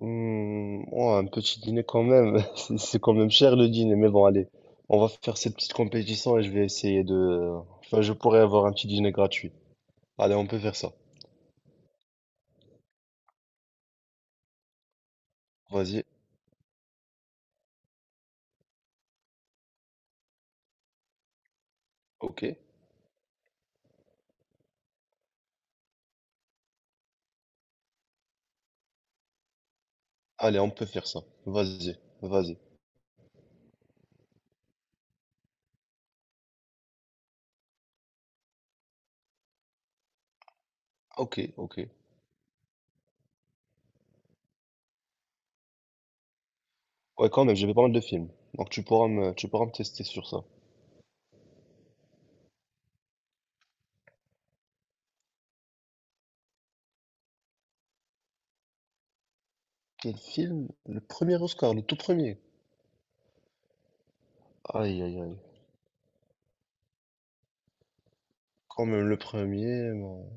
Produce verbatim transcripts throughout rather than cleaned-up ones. Hmm, ouais, un petit dîner quand même. C'est c'est quand même cher le dîner, mais bon, allez, on va faire cette petite compétition et je vais essayer de. Enfin, je pourrais avoir un petit dîner gratuit. Allez, on peut faire ça. Vas-y, ok. Allez, on peut faire ça. Vas-y, vas-y. Ok, ok. Ouais, quand même, j'ai vu pas mal de films. Donc tu pourras me, tu pourras me tester sur ça. Quel film? Le premier Oscar, le tout premier. Aïe, aïe, aïe. Quand même le premier. Bon,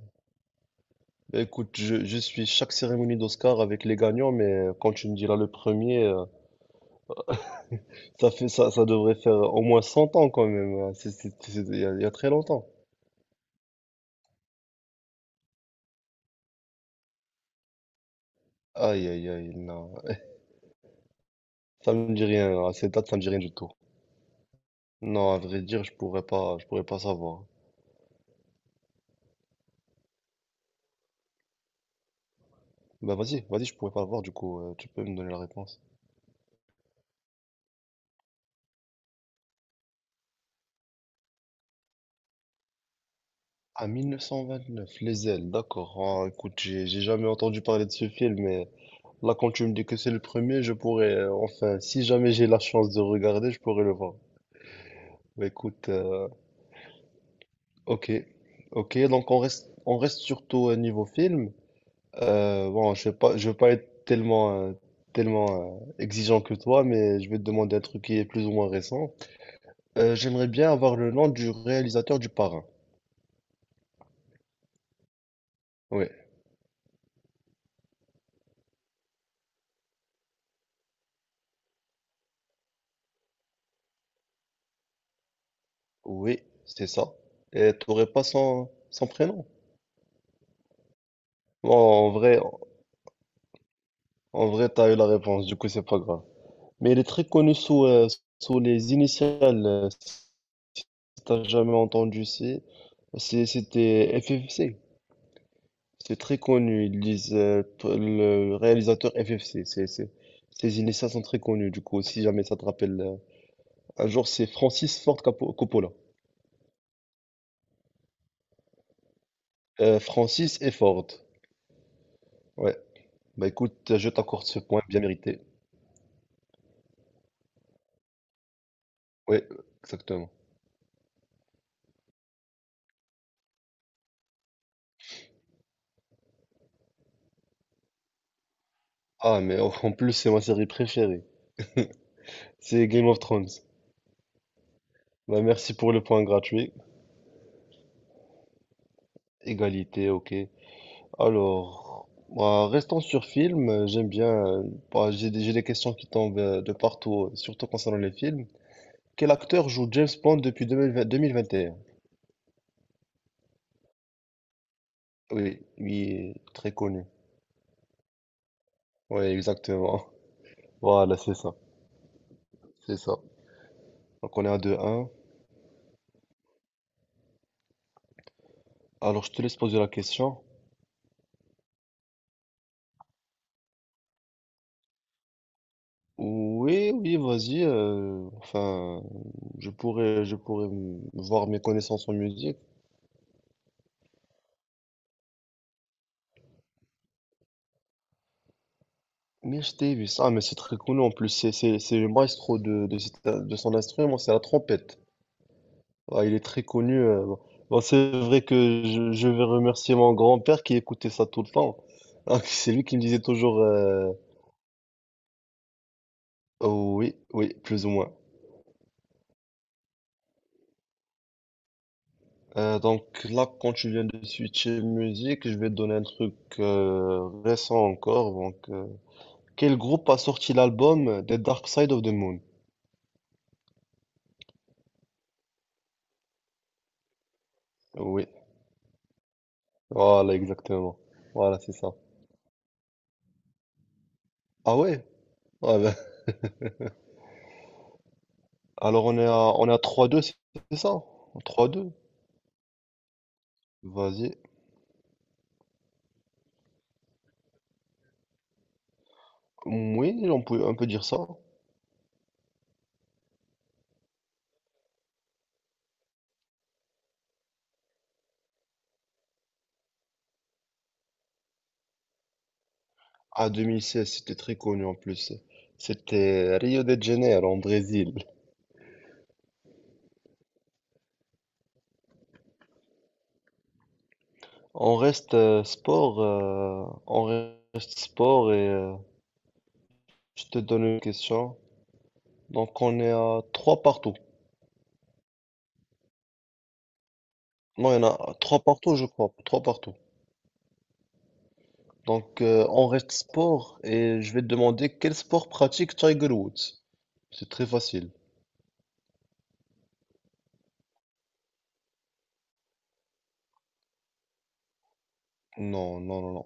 bah, écoute, je, je suis chaque cérémonie d'Oscar avec les gagnants, mais euh, quand tu me diras le premier. euh, Ça fait ça, ça devrait faire au moins cent ans quand même, hein. C'est, c'est- c'est- il y a, il y a très longtemps. Aïe, aïe, aïe, non. Ça me dit rien. À cette date, ça me dit rien du tout. Non, à vrai dire, je pourrais pas, je pourrais pas savoir. Bah vas-y, vas-y, je pourrais pas voir du coup. Euh, tu peux me donner la réponse. À neuf cent vingt-neuf, Les Ailes, d'accord. Ah, écoute, j'ai j'ai jamais entendu parler de ce film, mais là, quand tu me dis que c'est le premier, je pourrais, euh, enfin, si jamais j'ai la chance de regarder, je pourrais le voir. Bah écoute, euh, ok, ok. Donc on reste, on reste surtout au niveau film. Euh, bon, je vais pas, je vais pas être tellement, euh, tellement euh, exigeant que toi, mais je vais te demander un truc qui est plus ou moins récent. Euh, j'aimerais bien avoir le nom du réalisateur du Parrain. Oui, oui, c'est ça. Et t'aurais pas son, son prénom? Bon, en vrai, en vrai, t'as eu la réponse, du coup, c'est pas grave. Mais il est très connu sous, euh, sous les initiales. euh, Si t'as jamais entendu, c'est, c'est- c'était F F C. C'est très connu. Ils disent, euh, t- le réalisateur F F C. C'est, c'est, ses initiales sont très connues. Du coup, si jamais ça te rappelle, euh, un jour, c'est Francis Ford Capo- Coppola. Euh, Francis et Ford. Ouais. Bah écoute, je t'accorde ce point bien mérité. Ouais, exactement. Ah, mais en en plus, c'est ma série préférée. C'est Game of Thrones. Bah merci pour le point gratuit. Égalité, ok. Alors, bah, restons sur film. euh, J'aime bien. Euh, bah, j'ai des, j'ai des questions qui tombent euh, de partout, euh, surtout concernant les films. Quel acteur joue James Bond depuis deux mille vingt vingt vingt et un? Oui, lui est très connu. Oui, exactement. Voilà, c'est ça. C'est ça. Donc on est à deux un. Alors je te laisse poser la question. Oui, oui, vas-y. Euh, enfin, je pourrais, je pourrais m- voir mes connaissances en musique. Mais je t'ai vu ça, mais c'est très connu en plus. C'est c'est- c'est le maestro de, de, cet- de son instrument, c'est la trompette. Ah, il est très connu. euh. Bon, Bon, c'est vrai que je, je vais remercier mon grand-père qui écoutait ça tout le temps. Ah, c'est lui qui me disait toujours euh, oh oui, oui, plus ou moins. Euh, donc là, quand tu viens de switcher musique, je vais te donner un truc euh, récent encore. Donc, euh, quel groupe a sorti l'album The Dark Side of the Moon? Oui, voilà, exactement. Voilà, c'est ça. Ah ouais? Ah ben, alors on est à, on est à trois deux, c'est c'est ça? Trois deux. Vas-y. Oui, on peut, on peut dire ça. Ah, deux mille seize, c'était très connu en plus. C'était Rio de Janeiro, en Brésil. On reste euh, sport, euh, on reste sport et euh, je te donne une question. Donc, on est à trois partout. Non, il y en a trois partout, je crois. Trois partout. Donc, euh, on reste sport et je vais te demander quel sport pratique Tiger Woods. C'est très facile. Non, non, non, non.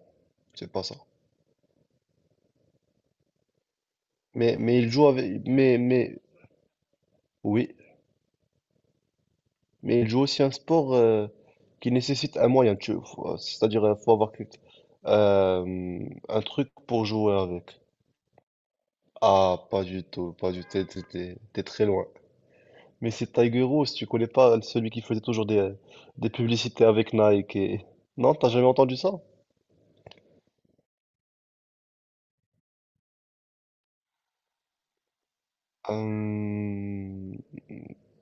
C'est pas ça. Mais, mais il joue avec. Mais, mais. Oui, mais il joue aussi un sport euh, qui nécessite un moyen, tu vois. C'est-à-dire, il faut avoir quelque- euh, un truc pour jouer avec. Ah, pas du tout, pas du tout, t'es t'es- t'es- t'es très loin. Mais c'est Tiger Woods, tu connais pas celui qui faisait toujours des, des publicités avec Nike et... Non, t'as jamais entendu ça? Euh,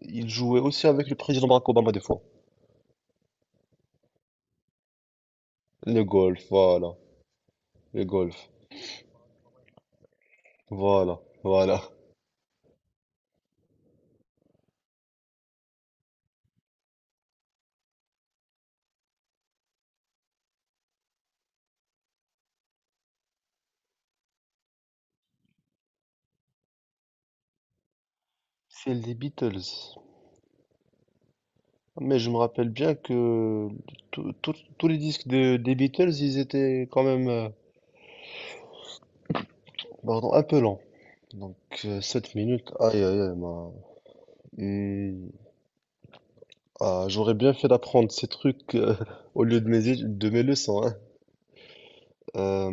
il jouait aussi avec le président Barack Obama des fois. Le golf, voilà. Le golf, voilà, voilà. C'est les Beatles. Mais je me rappelle bien que tout- tout- tous les disques de, des Beatles, ils étaient quand même euh, pardon, un peu lents. Donc sept minutes, aïe aïe aïe, ma- Hmm. Ah, j'aurais bien fait d'apprendre ces trucs euh, au lieu de mes, études- de mes leçons, hein. Euh,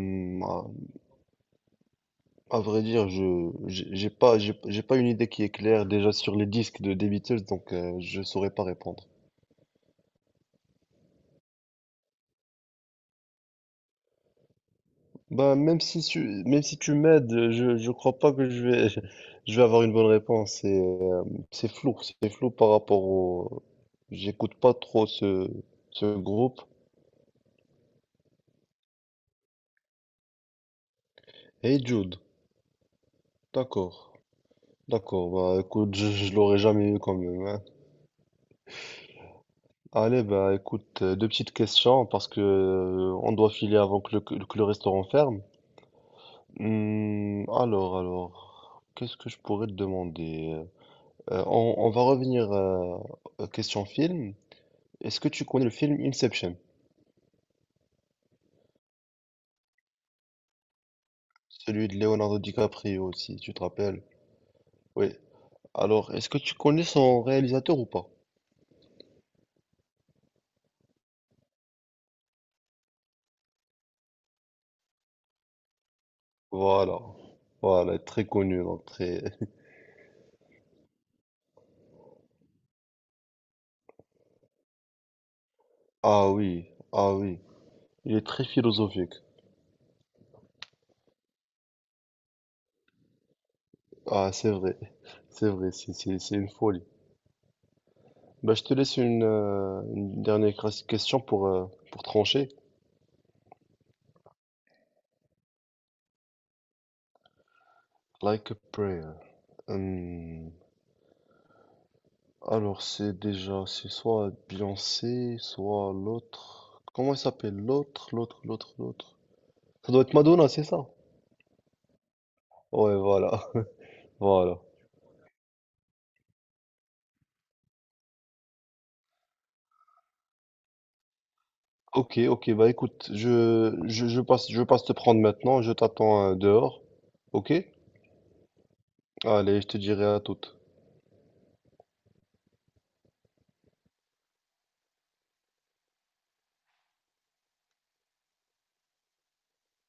à, à vrai dire, je j'ai j'ai pas, j'ai j'ai pas une idée qui est claire déjà sur les disques de des Beatles, donc euh, je saurais pas répondre. Bah, même si tu, même si tu m'aides, je, je crois pas que je vais, je vais avoir une bonne réponse. C'est, euh, c'est flou, c'est flou par rapport au, j'écoute pas trop ce, ce groupe. Hey Jude, d'accord, d'accord, bah, écoute, je, je l'aurais jamais eu quand même, hein. Allez, bah, écoute, euh, deux petites questions parce que, euh, on doit filer avant que le, que le restaurant ferme. Hmm, alors, alors, qu'est-ce que je pourrais te demander? Euh, on, on va revenir, euh, question film. Est-ce que tu connais le film Inception? Celui de Leonardo DiCaprio, si tu te rappelles. Oui. Alors, est-ce que tu connais son réalisateur ou pas? Voilà. Voilà, très connu, donc très... Ah oui, ah oui. Il est très philosophique. Ah, c'est vrai. C'est vrai, c'est c'est- c'est une folie. Bah, je te laisse une, euh, une dernière cras- question pour, euh, pour trancher. Like a prayer. Hum, Alors, c'est déjà, c'est soit Beyoncé, soit l'autre. Comment elle s'appelle? L'autre, l'autre, l'autre, l'autre. Ça doit être Madonna, c'est ça? Ouais, voilà, voilà. Ok, ok, bah écoute, je, je, je passe, je passe te prendre maintenant, je t'attends euh, dehors. Ok? Allez, je te dirai à toute.